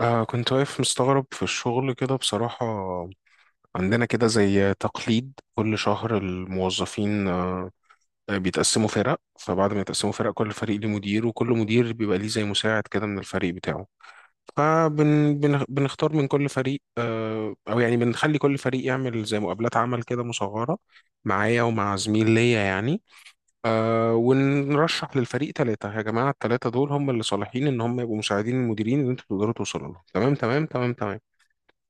كنت واقف مستغرب في الشغل كده بصراحة. عندنا كده زي تقليد، كل شهر الموظفين بيتقسموا فرق. فبعد ما يتقسموا فرق، كل فريق ليه مدير، وكل مدير بيبقى ليه زي مساعد كده من الفريق بتاعه. فبنختار من كل فريق، أو يعني بنخلي كل فريق يعمل زي مقابلات عمل كده مصغرة، معايا ومع زميل ليا يعني. ونرشح للفريق ثلاثة، يا جماعة الثلاثة دول هم اللي صالحين إن هم يبقوا مساعدين المديرين اللي أنتوا تقدروا توصلوا لهم. تمام تمام تمام تمام.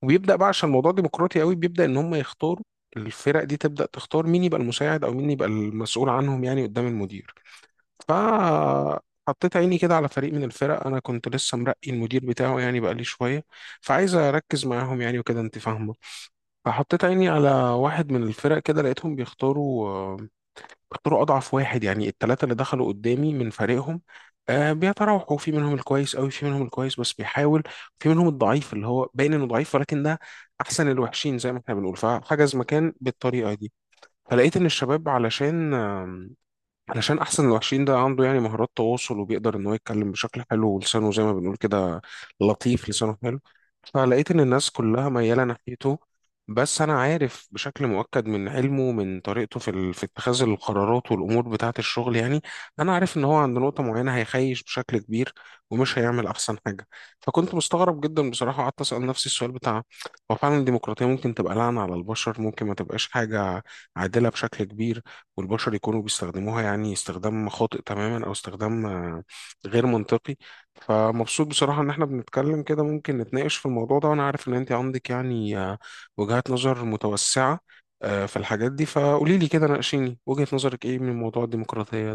وبيبدا بقى، عشان الموضوع ديمقراطي قوي، بيبدا ان هم يختاروا. الفرق دي تبدا تختار مين يبقى المساعد او مين يبقى المسؤول عنهم يعني قدام المدير. فحطيت عيني كده على فريق من الفرق، انا كنت لسه مرقي المدير بتاعه يعني، بقالي شويه. فعايز اركز معاهم يعني وكده انت فاهمه. فحطيت عيني على واحد من الفرق كده، لقيتهم بيختاروا، اختاروا اضعف واحد يعني، الثلاثه اللي دخلوا قدامي من فريقهم. بيتراوحوا، في منهم الكويس قوي، في منهم الكويس بس بيحاول، في منهم الضعيف اللي هو باين انه ضعيف، ولكن ده احسن الوحشين زي ما احنا بنقول، فحجز مكان بالطريقه دي. فلقيت ان الشباب، علشان علشان احسن الوحشين ده عنده يعني مهارات تواصل، وبيقدر ان هو يتكلم بشكل حلو، ولسانه زي ما بنقول كده لطيف، لسانه حلو. فلقيت ان الناس كلها مياله ناحيته، بس انا عارف بشكل مؤكد من علمه، من طريقته في اتخاذ القرارات والامور بتاعه الشغل يعني. انا عارف ان هو عند نقطه معينه هيخيش بشكل كبير، ومش هيعمل احسن حاجه. فكنت مستغرب جدا بصراحه، قعدت اسال نفسي السؤال بتاع: هو فعلا الديمقراطيه ممكن تبقى لعنه على البشر؟ ممكن ما تبقاش حاجه عادله بشكل كبير، والبشر يكونوا بيستخدموها يعني استخدام خاطئ تماما، او استخدام غير منطقي. فمبسوط بصراحة ان احنا بنتكلم كده، ممكن نتناقش في الموضوع ده، وانا عارف ان انت عندك يعني وجهات نظر متوسعة في الحاجات دي. فقولي لي كده ناقشيني، وجهة نظرك ايه من موضوع الديمقراطية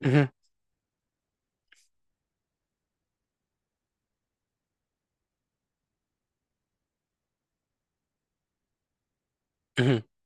ده؟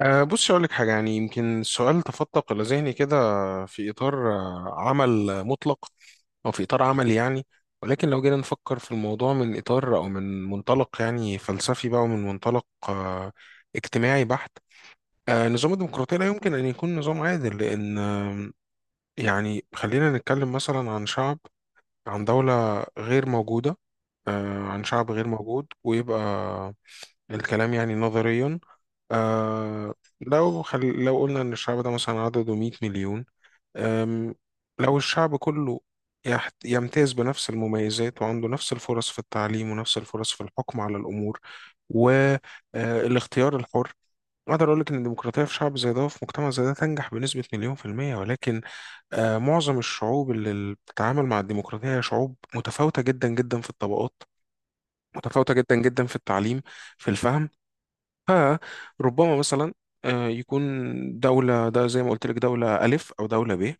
أه بص، أقول لك حاجة، يعني يمكن السؤال تفتق إلى ذهني كده في إطار عمل مطلق، أو في إطار عملي يعني، ولكن لو جينا نفكر في الموضوع من إطار أو من منطلق يعني فلسفي بقى، ومن منطلق اجتماعي بحت. نظام الديمقراطية لا يمكن أن يكون نظام عادل، لأن يعني خلينا نتكلم مثلا عن شعب، عن دولة غير موجودة، عن شعب غير موجود، ويبقى الكلام يعني نظريا. آه. لو قلنا ان الشعب ده مثلا عدده 100 مليون. آم لو الشعب كله يمتاز بنفس المميزات، وعنده نفس الفرص في التعليم، ونفس الفرص في الحكم على الامور والاختيار الحر، اقدر اقول لك ان الديمقراطيه في شعب زي ده وفي مجتمع زي ده تنجح بنسبه مليون في الميه. ولكن آه، معظم الشعوب اللي بتتعامل مع الديمقراطيه هي شعوب متفاوته جدا جدا في الطبقات، متفاوته جدا جدا في التعليم، في الفهم. فربما مثلا يكون دولة ده زي ما قلت لك، دولة ألف أو دولة ب،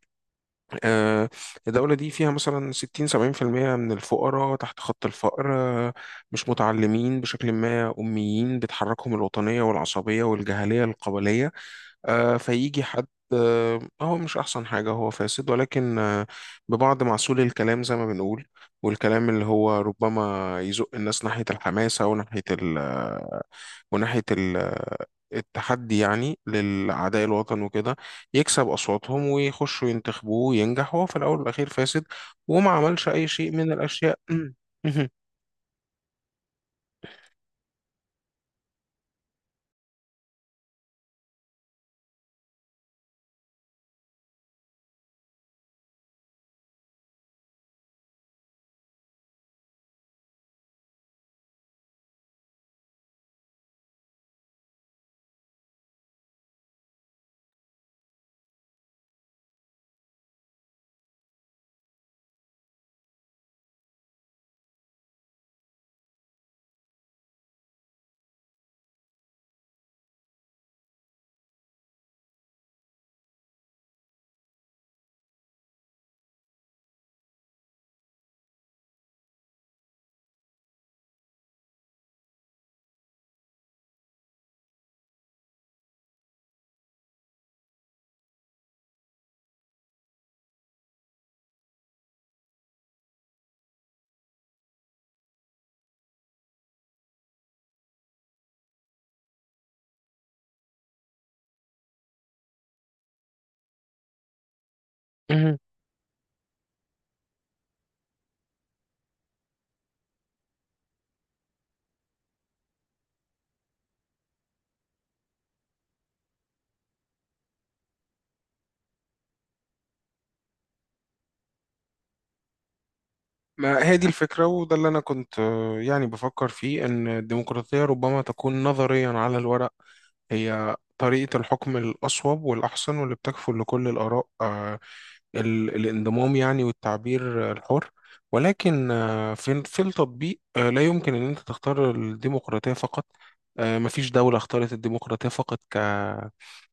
آه، الدولة دي فيها مثلا 60 70% من الفقراء تحت خط الفقر، مش متعلمين بشكل ما، أميين، بتحركهم الوطنية والعصبية والجهلية القبلية. فيجي حد هو مش أحسن حاجة، هو فاسد، ولكن ببعض معسول الكلام زي ما بنقول، والكلام اللي هو ربما يزق الناس ناحية الحماسة، وناحية التحدي يعني لأعداء الوطن وكده، يكسب أصواتهم ويخشوا ينتخبوه وينجح، وهو في الأول والأخير فاسد، وما عملش أي شيء من الأشياء. ما هي دي الفكرة، وده اللي أنا كنت يعني بفكر فيه، إن الديمقراطية ربما تكون نظريا على الورق هي طريقة الحكم الأصوب والأحسن، واللي بتكفل لكل الآراء الانضمام يعني، والتعبير الحر، ولكن في التطبيق لا يمكن أن أنت تختار الديمقراطية فقط. مفيش دولة اختارت الديمقراطية فقط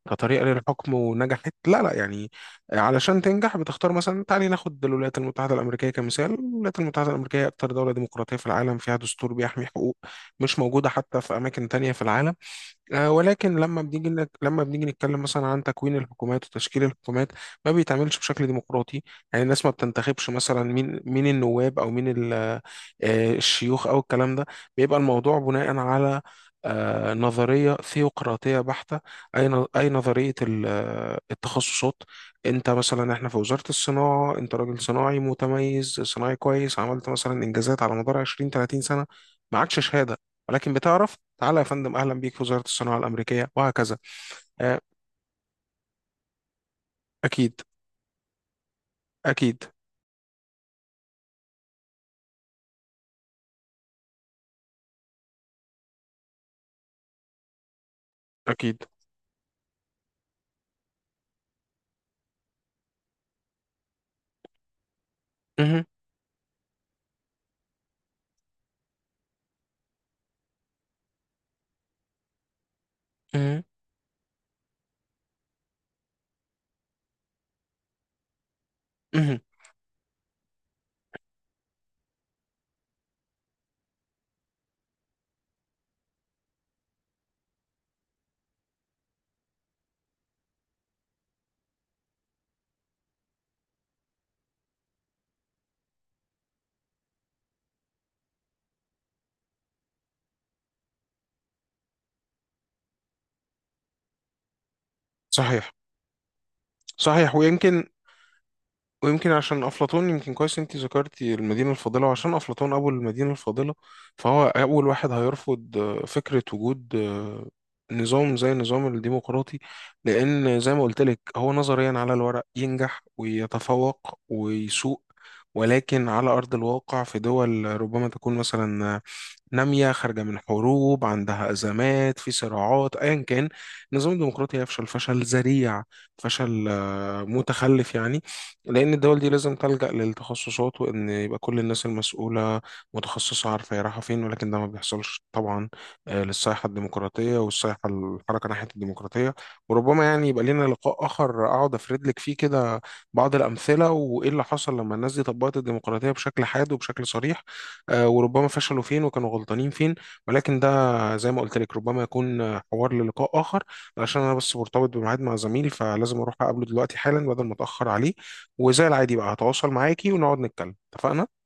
كطريقة للحكم ونجحت، لا لا يعني. علشان تنجح بتختار، مثلا تعالي ناخد الولايات المتحدة الأمريكية كمثال. الولايات المتحدة الأمريكية أكتر دولة ديمقراطية في العالم، فيها دستور بيحمي حقوق مش موجودة حتى في أماكن تانية في العالم. ولكن لما لما بنيجي نتكلم مثلا عن تكوين الحكومات وتشكيل الحكومات، ما بيتعملش بشكل ديمقراطي. يعني الناس ما بتنتخبش مثلا مين مين النواب، او مين ال... آه، الشيوخ او الكلام ده. بيبقى الموضوع بناء على نظرية ثيوقراطية بحتة. أي نظرية التخصصات. أنت مثلا، إحنا في وزارة الصناعة، أنت راجل صناعي متميز، صناعي كويس، عملت مثلا إنجازات على مدار 20 30 سنة، معكش شهادة، ولكن بتعرف، تعالى يا فندم، اهلا بيك في وزاره الصناعه الامريكيه، وهكذا. آه، اكيد اكيد اكيد. مه، مه، مه. صحيح. صحيح، ويمكن. ويمكن عشان أفلاطون، يمكن كويس أنت ذكرتي المدينة الفاضلة، وعشان أفلاطون أبو المدينة الفاضلة، فهو أول واحد هيرفض فكرة وجود نظام زي النظام الديمقراطي، لأن زي ما قلت لك، هو نظريا على الورق ينجح ويتفوق ويسوق، ولكن على أرض الواقع في دول ربما تكون مثلا نامية، خارجة من حروب، عندها أزمات في صراعات أيا كان، النظام الديمقراطي هيفشل فشل ذريع، فشل متخلف يعني. لأن الدول دي لازم تلجأ للتخصصات، وإن يبقى كل الناس المسؤولة متخصصة، عارفة هي رايحة فين. ولكن ده ما بيحصلش طبعا، للصيحة الديمقراطية والصيحة الحركة ناحية الديمقراطية. وربما يعني يبقى لنا لقاء آخر، أقعد أفرد لك فيه كده بعض الأمثلة، وإيه اللي حصل لما الناس دي طبقت الديمقراطية بشكل حاد وبشكل صريح، وربما فشلوا فين وكانوا غلطانين فين. ولكن ده زي ما قلت لك ربما يكون حوار للقاء آخر، علشان أنا بس مرتبط بميعاد مع زميل، فلازم أروح أقابله دلوقتي حالا بدل ما أتأخر عليه. وزي العادي بقى هتواصل معاكي ونقعد نتكلم، اتفقنا.